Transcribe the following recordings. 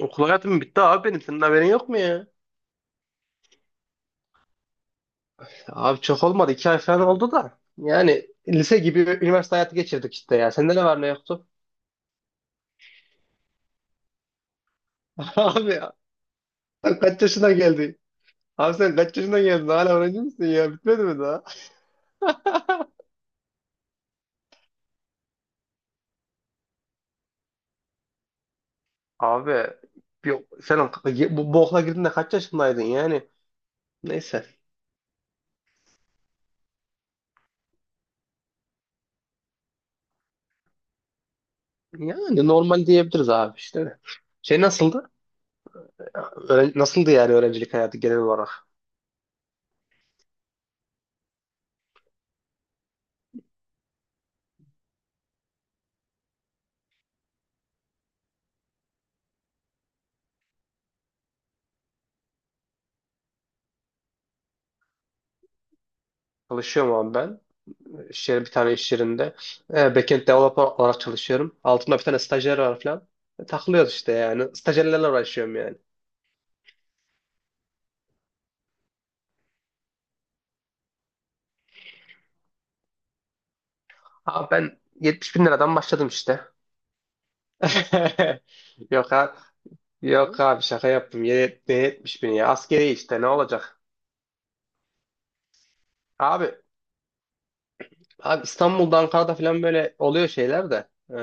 Okul hayatım bitti abi benim. Senin haberin yok mu ya? Abi çok olmadı. İki ay falan oldu da. Yani lise gibi üniversite hayatı geçirdik işte ya. Sende ne var ne yoktu? Abi ya. Sen kaç yaşına geldin? Abi sen kaç yaşına geldin? Hala öğrenci misin ya? Bitmedi mi daha? Abi bir, sen bu okula girdiğinde kaç yaşındaydın yani? Neyse. Yani normal diyebiliriz abi işte. Şey nasıldı? Nasıldı yani öğrencilik hayatı genel olarak? Çalışıyorum abi ben. Bir tane iş yerinde. Backend developer olarak çalışıyorum. Altımda bir tane stajyer var falan. Takılıyoruz işte yani. Stajyerlerle uğraşıyorum yani. Abi ben 70 bin liradan başladım işte. Yok abi, yok abi şaka yaptım. Ne 70 bin ya? Askeri işte ne olacak? Abi, abi, İstanbul'da Ankara'da falan böyle oluyor şeyler de.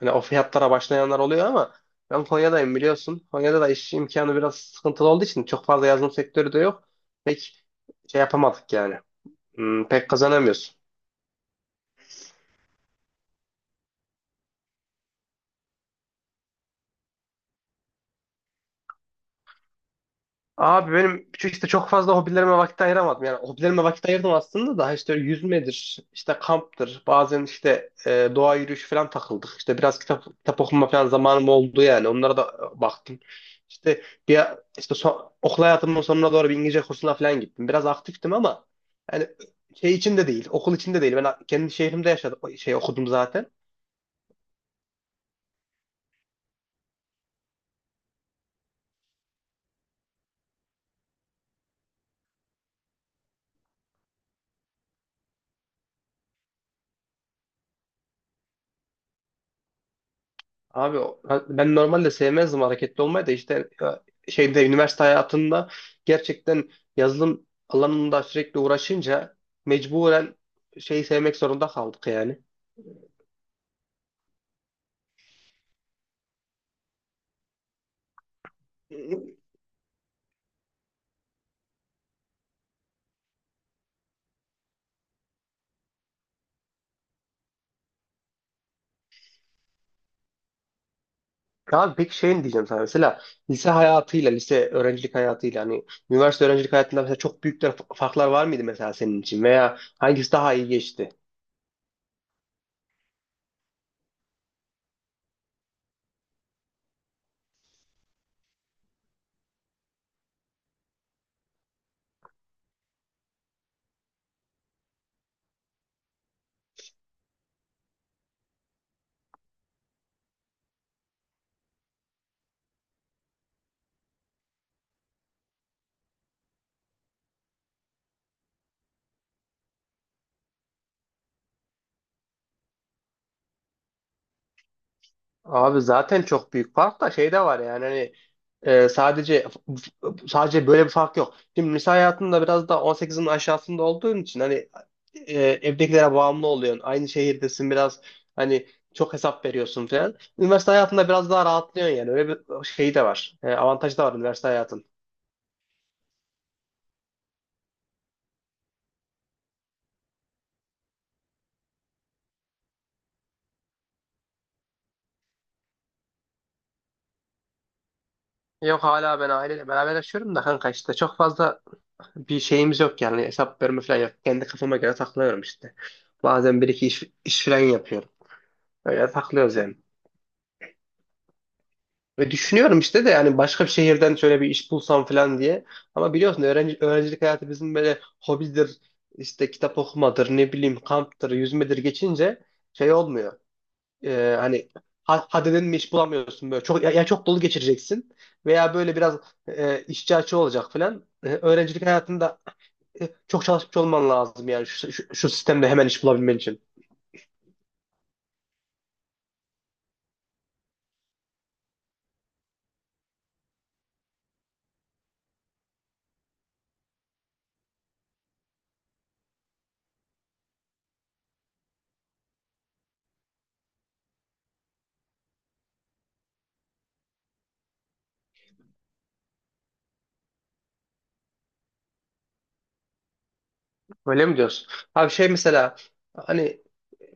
Hani o fiyatlara başlayanlar oluyor ama ben Konya'dayım biliyorsun. Konya'da da iş imkanı biraz sıkıntılı olduğu için çok fazla yazılım sektörü de yok. Pek şey yapamadık yani. Hmm, pek kazanamıyorsun. Abi benim şu işte çok fazla hobilerime vakit ayıramadım. Yani hobilerime vakit ayırdım aslında da işte yüzmedir, işte kamptır, bazen işte doğa yürüyüşü falan takıldık. İşte biraz kitap okuma falan zamanım oldu yani. Onlara da baktım. İşte bir işte okul hayatımın sonuna doğru bir İngilizce kursuna falan gittim. Biraz aktiftim ama yani şey için de değil, okul için de değil. Ben kendi şehrimde yaşadım, şey okudum zaten. Abi o- Ben normalde sevmezdim hareketli olmayı da işte şeyde üniversite hayatında gerçekten yazılım alanında sürekli uğraşınca mecburen şeyi sevmek zorunda kaldık yani. Abi peki şey diyeceğim sana mesela lise hayatıyla lise öğrencilik hayatıyla hani üniversite öğrencilik hayatında mesela çok büyük de farklar var mıydı mesela senin için veya hangisi daha iyi geçti? Abi zaten çok büyük fark da şey de var yani hani e, sadece sadece böyle bir fark yok. Şimdi lise hayatında biraz da 18'in aşağısında olduğun için hani evdekilere bağımlı oluyorsun. Aynı şehirdesin biraz hani çok hesap veriyorsun falan. Üniversite hayatında biraz daha rahatlıyorsun yani. Öyle bir şey de var. Avantajı da var üniversite hayatın. Yok hala ben aileyle beraber yaşıyorum da kanka işte çok fazla bir şeyimiz yok yani hesap verme falan yok. Kendi kafama göre takılıyorum işte. Bazen bir iki iş falan yapıyorum. Öyle takılıyoruz yani. Ve düşünüyorum işte de yani başka bir şehirden şöyle bir iş bulsam falan diye. Ama biliyorsun öğrencilik hayatı bizim böyle hobidir, işte kitap okumadır, ne bileyim kamptır, yüzmedir geçince şey olmuyor. Hani hadi dedim mi iş bulamıyorsun böyle. Ya çok dolu geçireceksin veya böyle biraz işçi açığı olacak falan. Öğrencilik hayatında çok çalışmış olman lazım yani şu sistemde hemen iş bulabilmen için. Öyle mi diyorsun? Abi şey mesela hani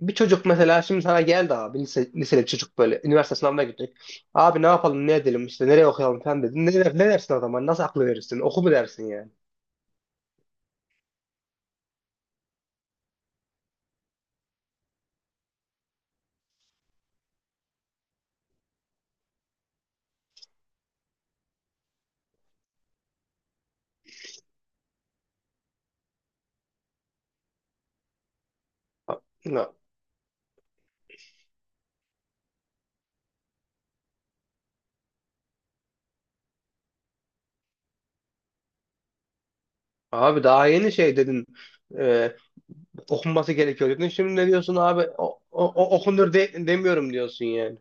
bir çocuk mesela şimdi sana geldi abi liseli bir çocuk böyle üniversite sınavına gittik. Abi ne yapalım ne edelim işte nereye okuyalım falan dedin. Ne dersin o zaman? Nasıl aklı verirsin? Oku mu dersin yani? A- ya, Abi daha yeni şey dedin e, okunması gerekiyor dedin. Şimdi ne diyorsun abi? Okunur demiyorum diyorsun yani.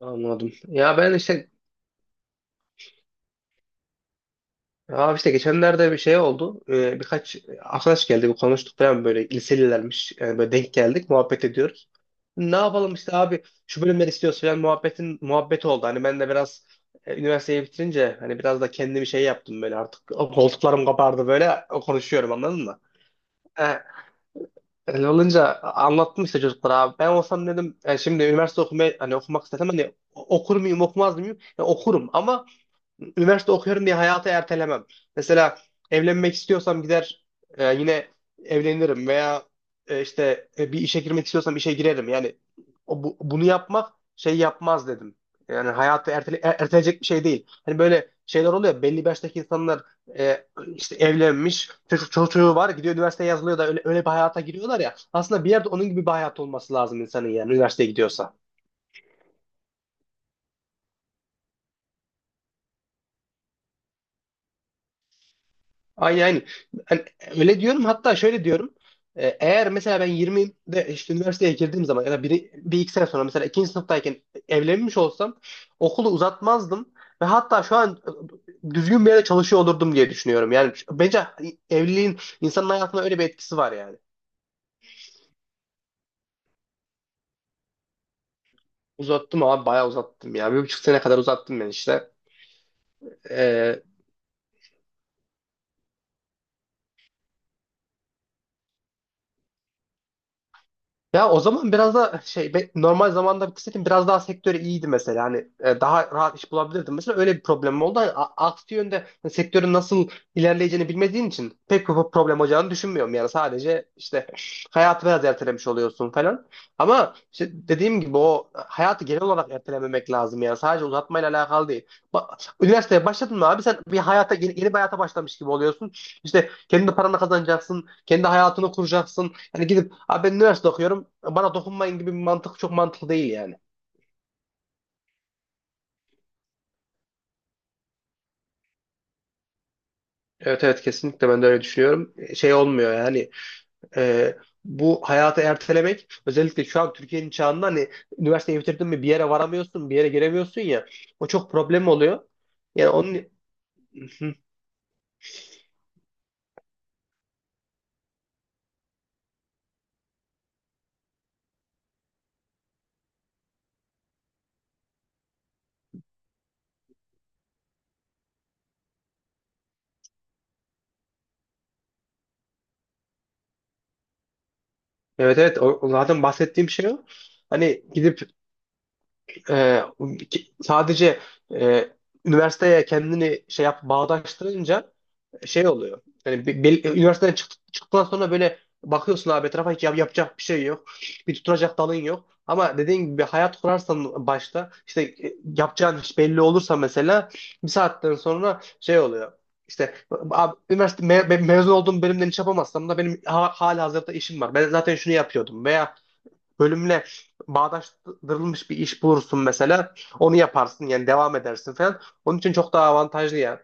Anladım. Ya ben işte abi işte geçenlerde bir şey oldu. Birkaç arkadaş geldi, bir konuştuk falan böyle liselilermiş. Yani böyle denk geldik, muhabbet ediyoruz. Ne yapalım işte abi şu bölümleri istiyoruz falan muhabbetin muhabbeti oldu. Hani ben de biraz üniversiteyi bitirince hani biraz da kendimi şey yaptım böyle artık o koltuklarım kapardı böyle o konuşuyorum anladın mı? E, Öyle olunca anlattım işte çocuklara abi. Ben olsam dedim şimdi üniversite okumaya hani okumak istesem hani okur muyum okumaz mıyım? Ya okurum ama üniversite okuyorum diye hayatı ertelemem. Mesela evlenmek istiyorsam gider yine evlenirim veya bir işe girmek istiyorsam işe girerim. Yani o, bunu yapmak şey yapmaz dedim. Yani hayatı erteleyecek bir şey değil. Hani böyle şeyler oluyor. Belli bir yaştaki insanlar e, işte evlenmiş, çocuğu var, gidiyor üniversiteye yazılıyor da öyle bir hayata giriyorlar ya. Aslında bir yerde onun gibi bir hayat olması lazım insanın yani üniversiteye gidiyorsa. Ay yani hani öyle diyorum hatta şöyle diyorum. Eğer mesela ben 20'de işte üniversiteye girdiğim zaman ya da biri, bir iki sene sonra mesela ikinci sınıftayken evlenmiş olsam okulu uzatmazdım ve hatta şu an düzgün bir yerde çalışıyor olurdum diye düşünüyorum. Yani bence hani, evliliğin insanın hayatına öyle bir etkisi var yani. Uzattım abi bayağı uzattım ya. Bir buçuk sene kadar uzattım ben işte. Ee, Ya o zaman biraz da normal zamanda bitirseydim biraz daha sektörü iyiydi mesela. Hani daha rahat iş bulabilirdim. Mesela öyle bir problemim oldu. Hani aksi yönde hani sektörün nasıl ilerleyeceğini bilmediğin için pek bir problem olacağını düşünmüyorum. Yani sadece işte hayatı biraz ertelemiş oluyorsun falan. Ama işte dediğim gibi o hayatı genel olarak ertelememek lazım yani. Sadece uzatmayla alakalı değil. Ba- Üniversiteye başladın mı abi sen bir hayata yeni bir hayata başlamış gibi oluyorsun. İşte kendi paranı kazanacaksın, kendi hayatını kuracaksın. Hani gidip abi ben üniversite okuyorum bana dokunmayın gibi bir mantık çok mantıklı değil yani. Evet evet kesinlikle ben de öyle düşünüyorum. Şey olmuyor yani e, bu hayatı ertelemek özellikle şu an Türkiye'nin çağında hani üniversiteyi bitirdin mi bir yere varamıyorsun bir yere giremiyorsun ya o çok problem oluyor. Yani onun Hı. Evet evet o zaten bahsettiğim şey o. Hani gidip e, sadece e, üniversiteye kendini şey yap bağdaştırınca şey oluyor. Yani üniversiteden çıktıktan sonra böyle bakıyorsun abi etrafa hiç yapacak bir şey yok. Bir tutunacak dalın yok. Ama dediğin gibi bir hayat kurarsan başta işte yapacağın iş belli olursa mesela bir saatten sonra şey oluyor. İşte abi, üniversite mezun olduğum bölümden iş yapamazsam da benim ha hali hazırda işim var. Ben zaten şunu yapıyordum veya bölümle bağdaştırılmış bir iş bulursun mesela onu yaparsın yani devam edersin falan. Onun için çok daha avantajlı yani.